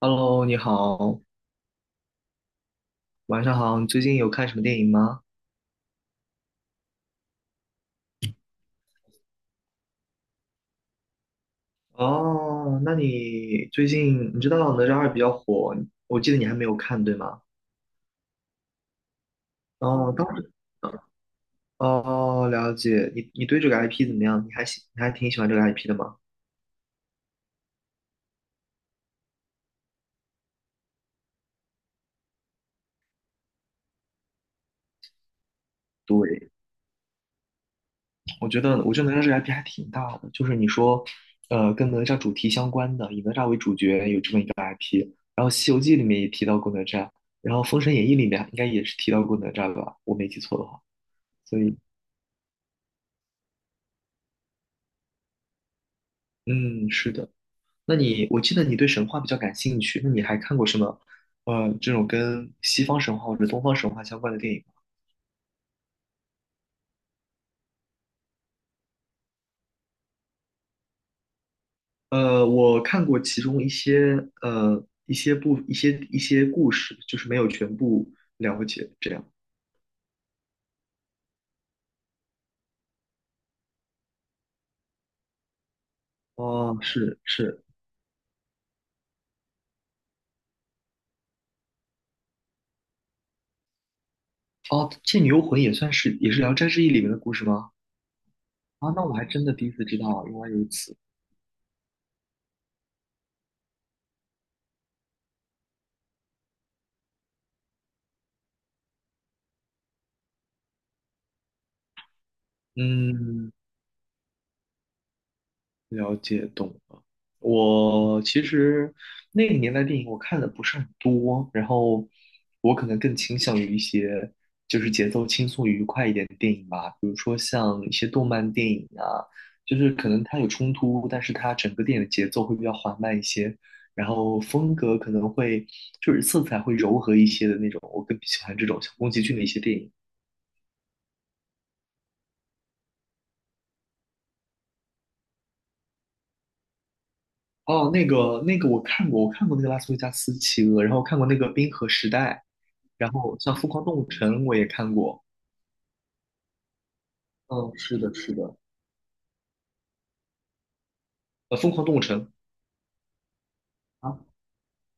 Hello，你好，晚上好。你最近有看什么电影吗？哦，那你最近你知道《哪吒二》比较火，我记得你还没有看，对吗？哦，当时，哦，了解。你对这个 IP 怎么样？你还挺喜欢这个 IP 的吗？对，我觉得哪吒这个 IP 还挺大的，就是你说，跟哪吒主题相关的，以哪吒为主角有这么一个 IP，然后《西游记》里面也提到过哪吒，然后《封神演义》里面应该也是提到过哪吒吧？我没记错的话。所以嗯，是的。那你，我记得你对神话比较感兴趣，那你还看过什么，这种跟西方神话或者东方神话相关的电影吗？我看过其中一些，一些故事，就是没有全部了解，这样。哦，是是，哦，《倩女幽魂》也是《聊斋志异》里面的故事吗？啊，那我还真的第一次知道啊，原来如此。嗯，了解懂了。我其实那个年代电影我看的不是很多，然后我可能更倾向于一些就是节奏轻松愉快一点的电影吧，比如说像一些动漫电影啊，就是可能它有冲突，但是它整个电影的节奏会比较缓慢一些，然后风格可能会，就是色彩会柔和一些的那种，我更喜欢这种像宫崎骏的一些电影。哦，那个我看过，我看过那个《拉斯维加斯企鹅》，然后看过那个《冰河时代》。然后像《疯狂动物城》我也看过，嗯，是的，是的，《疯狂动物城》。啊，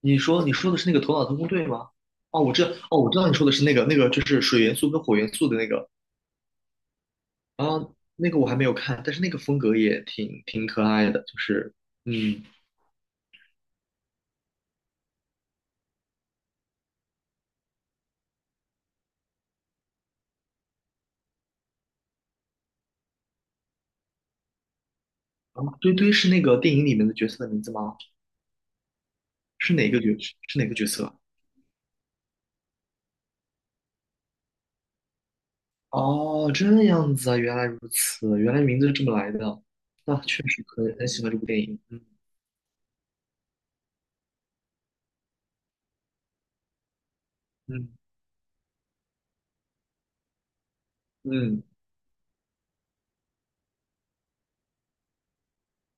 你说的是那个《头脑特工队》吗？哦，我知道，哦，我知道你说的是那个就是水元素跟火元素的那个。啊，那个我还没有看，但是那个风格也挺可爱的，就是嗯，啊，堆堆是那个电影里面的角色的名字吗？是哪个角是哪个角色啊？哦，这样子啊，原来如此，原来名字是这么来的啊，那确实很喜欢这部电影。嗯嗯嗯。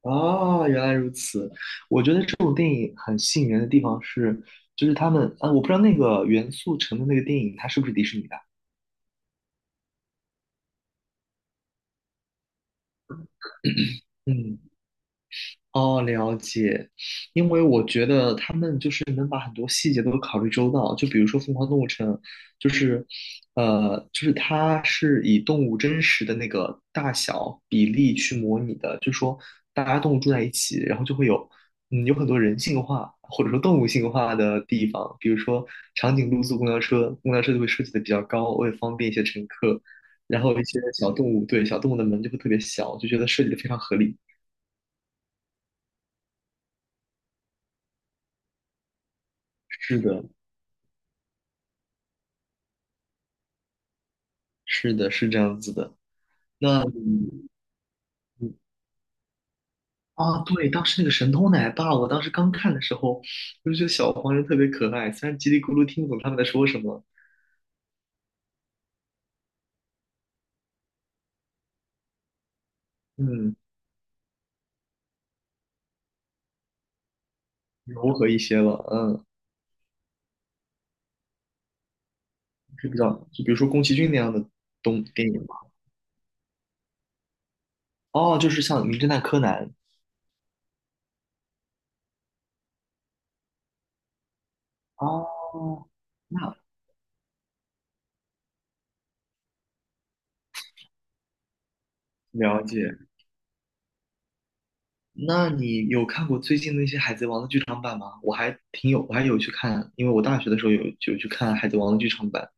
哦，原来如此。我觉得这种电影很吸引人的地方是，就是他们，啊，我不知道那个《元素城》的那个电影，它是不是迪士尼的？嗯。哦，了解。因为我觉得他们就是能把很多细节都考虑周到，就比如说《疯狂动物城》，就是，就是它是以动物真实的那个大小比例去模拟的，就是说大家动物住在一起，然后就会有很多人性化或者说动物性化的地方，比如说长颈鹿坐公交车，公交车就会设计的比较高，为了方便一些乘客，然后一些小动物，对，小动物的门就会特别小，就觉得设计的非常合理。是的，是的，是这样子的。那你啊，对，当时那个神偷奶爸，我当时刚看的时候，我就觉得小黄人特别可爱，虽然叽里咕噜听不懂他们在说什么。嗯，柔和一些了。嗯，是比较，就比如说宫崎骏那样的东电影吧。哦，就是像《名侦探柯南》。哦，那了解。那你有看过最近那些《海贼王》的剧场版吗？我还有去看，因为我大学的时候有去看《海贼王》的剧场版。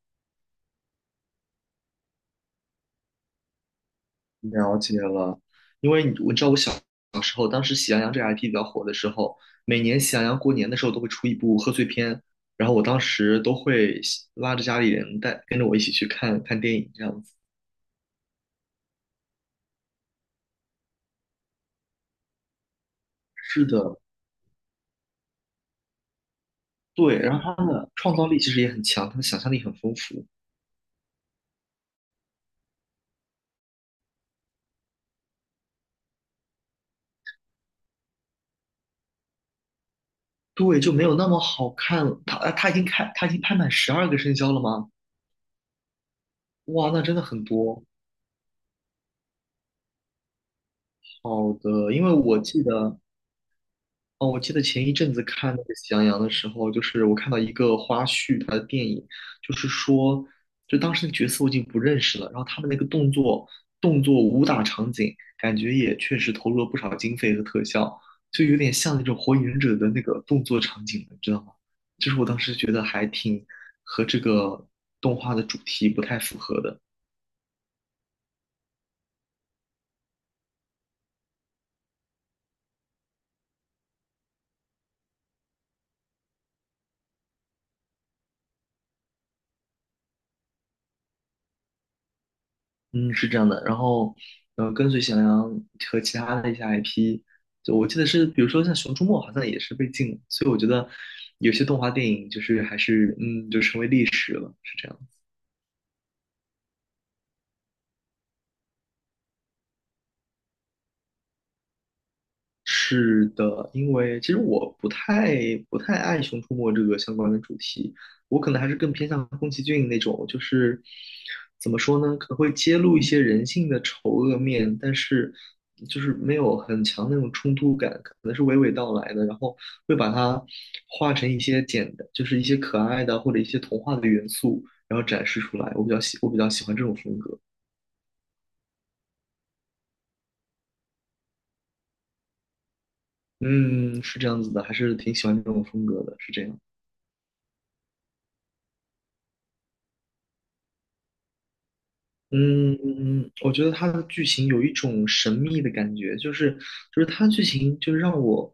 了解了。因为你我知道我小时候，当时《喜羊羊》这个 IP 比较火的时候，每年《喜羊羊》过年的时候都会出一部贺岁片，然后我当时都会拉着家里人跟着我一起去看看电影这样子。是的。对，然后他们的创造力其实也很强，他的想象力很丰富。对，就没有那么好看了。他已经拍满十二个生肖了吗？哇，那真的很多。好的，因为我记得哦，我记得前一阵子看那个《喜羊羊》的时候，就是我看到一个花絮，它的电影就是说，就当时的角色我已经不认识了，然后他们那个动作武打场景，感觉也确实投入了不少经费和特效，就有点像那种《火影忍者》的那个动作场景，你知道吗？就是我当时觉得和这个动画的主题不太符合的。嗯，是这样的。然后，跟随喜羊羊和其他的一些 IP，就我记得是，比如说像《熊出没》，好像也是被禁了。所以我觉得有些动画电影就是还是，就成为历史了。是这样。是的，因为其实我不太爱《熊出没》这个相关的主题，我可能还是更偏向宫崎骏那种，就是怎么说呢，可能会揭露一些人性的丑恶面，但是就是没有很强的那种冲突感，可能是娓娓道来的，然后会把它画成一些简单，就是一些可爱的或者一些童话的元素，然后展示出来。我比较喜欢这种风格。嗯，是这样子的，还是挺喜欢这种风格的，是这样。嗯我觉得它的剧情有一种神秘的感觉，就是它的剧情就让我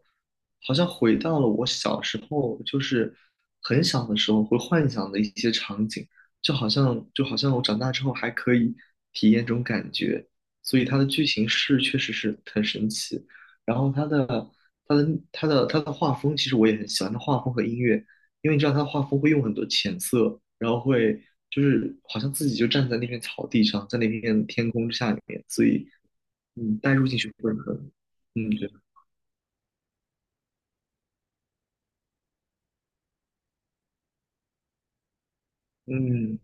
好像回到了我小时候，就是很小的时候会幻想的一些场景，就好像我长大之后还可以体验这种感觉，所以它的剧情是确实是很神奇，然后它的它的画风，其实我也很喜欢，它画风和音乐。因为你知道他画风会用很多浅色，然后会就是好像自己就站在那片草地上，在那片天空之下里面，所以带入进去会很，嗯，对，嗯，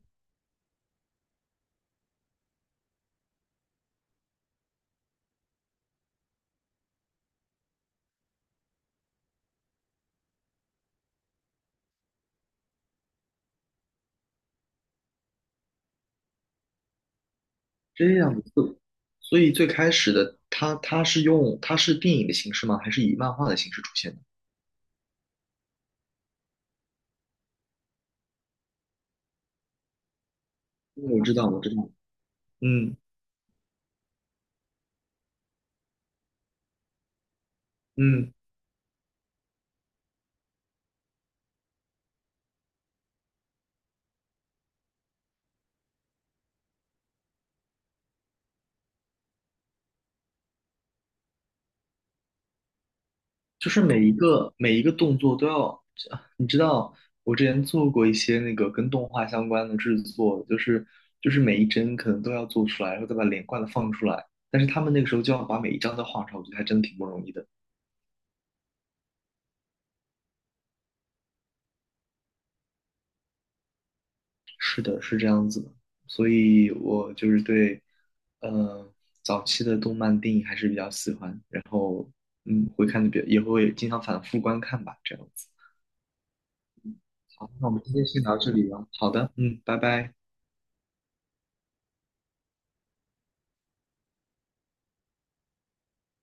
这样子，所以最开始的他是电影的形式吗？还是以漫画的形式出现的？我知道，我知道，嗯嗯。就是每一个每一个动作都要，啊你知道，我之前做过一些那个跟动画相关的制作，就是每一帧可能都要做出来，然后再把连贯的放出来。但是他们那个时候就要把每一张都画出来，我觉得还真挺不容易的。是的，是这样子的。所以我就是对，呃，早期的动漫电影还是比较喜欢，嗯，会看的比较，也会经常反复观看吧，这样子。好，那我们今天先聊到这里了。好的，嗯，拜拜。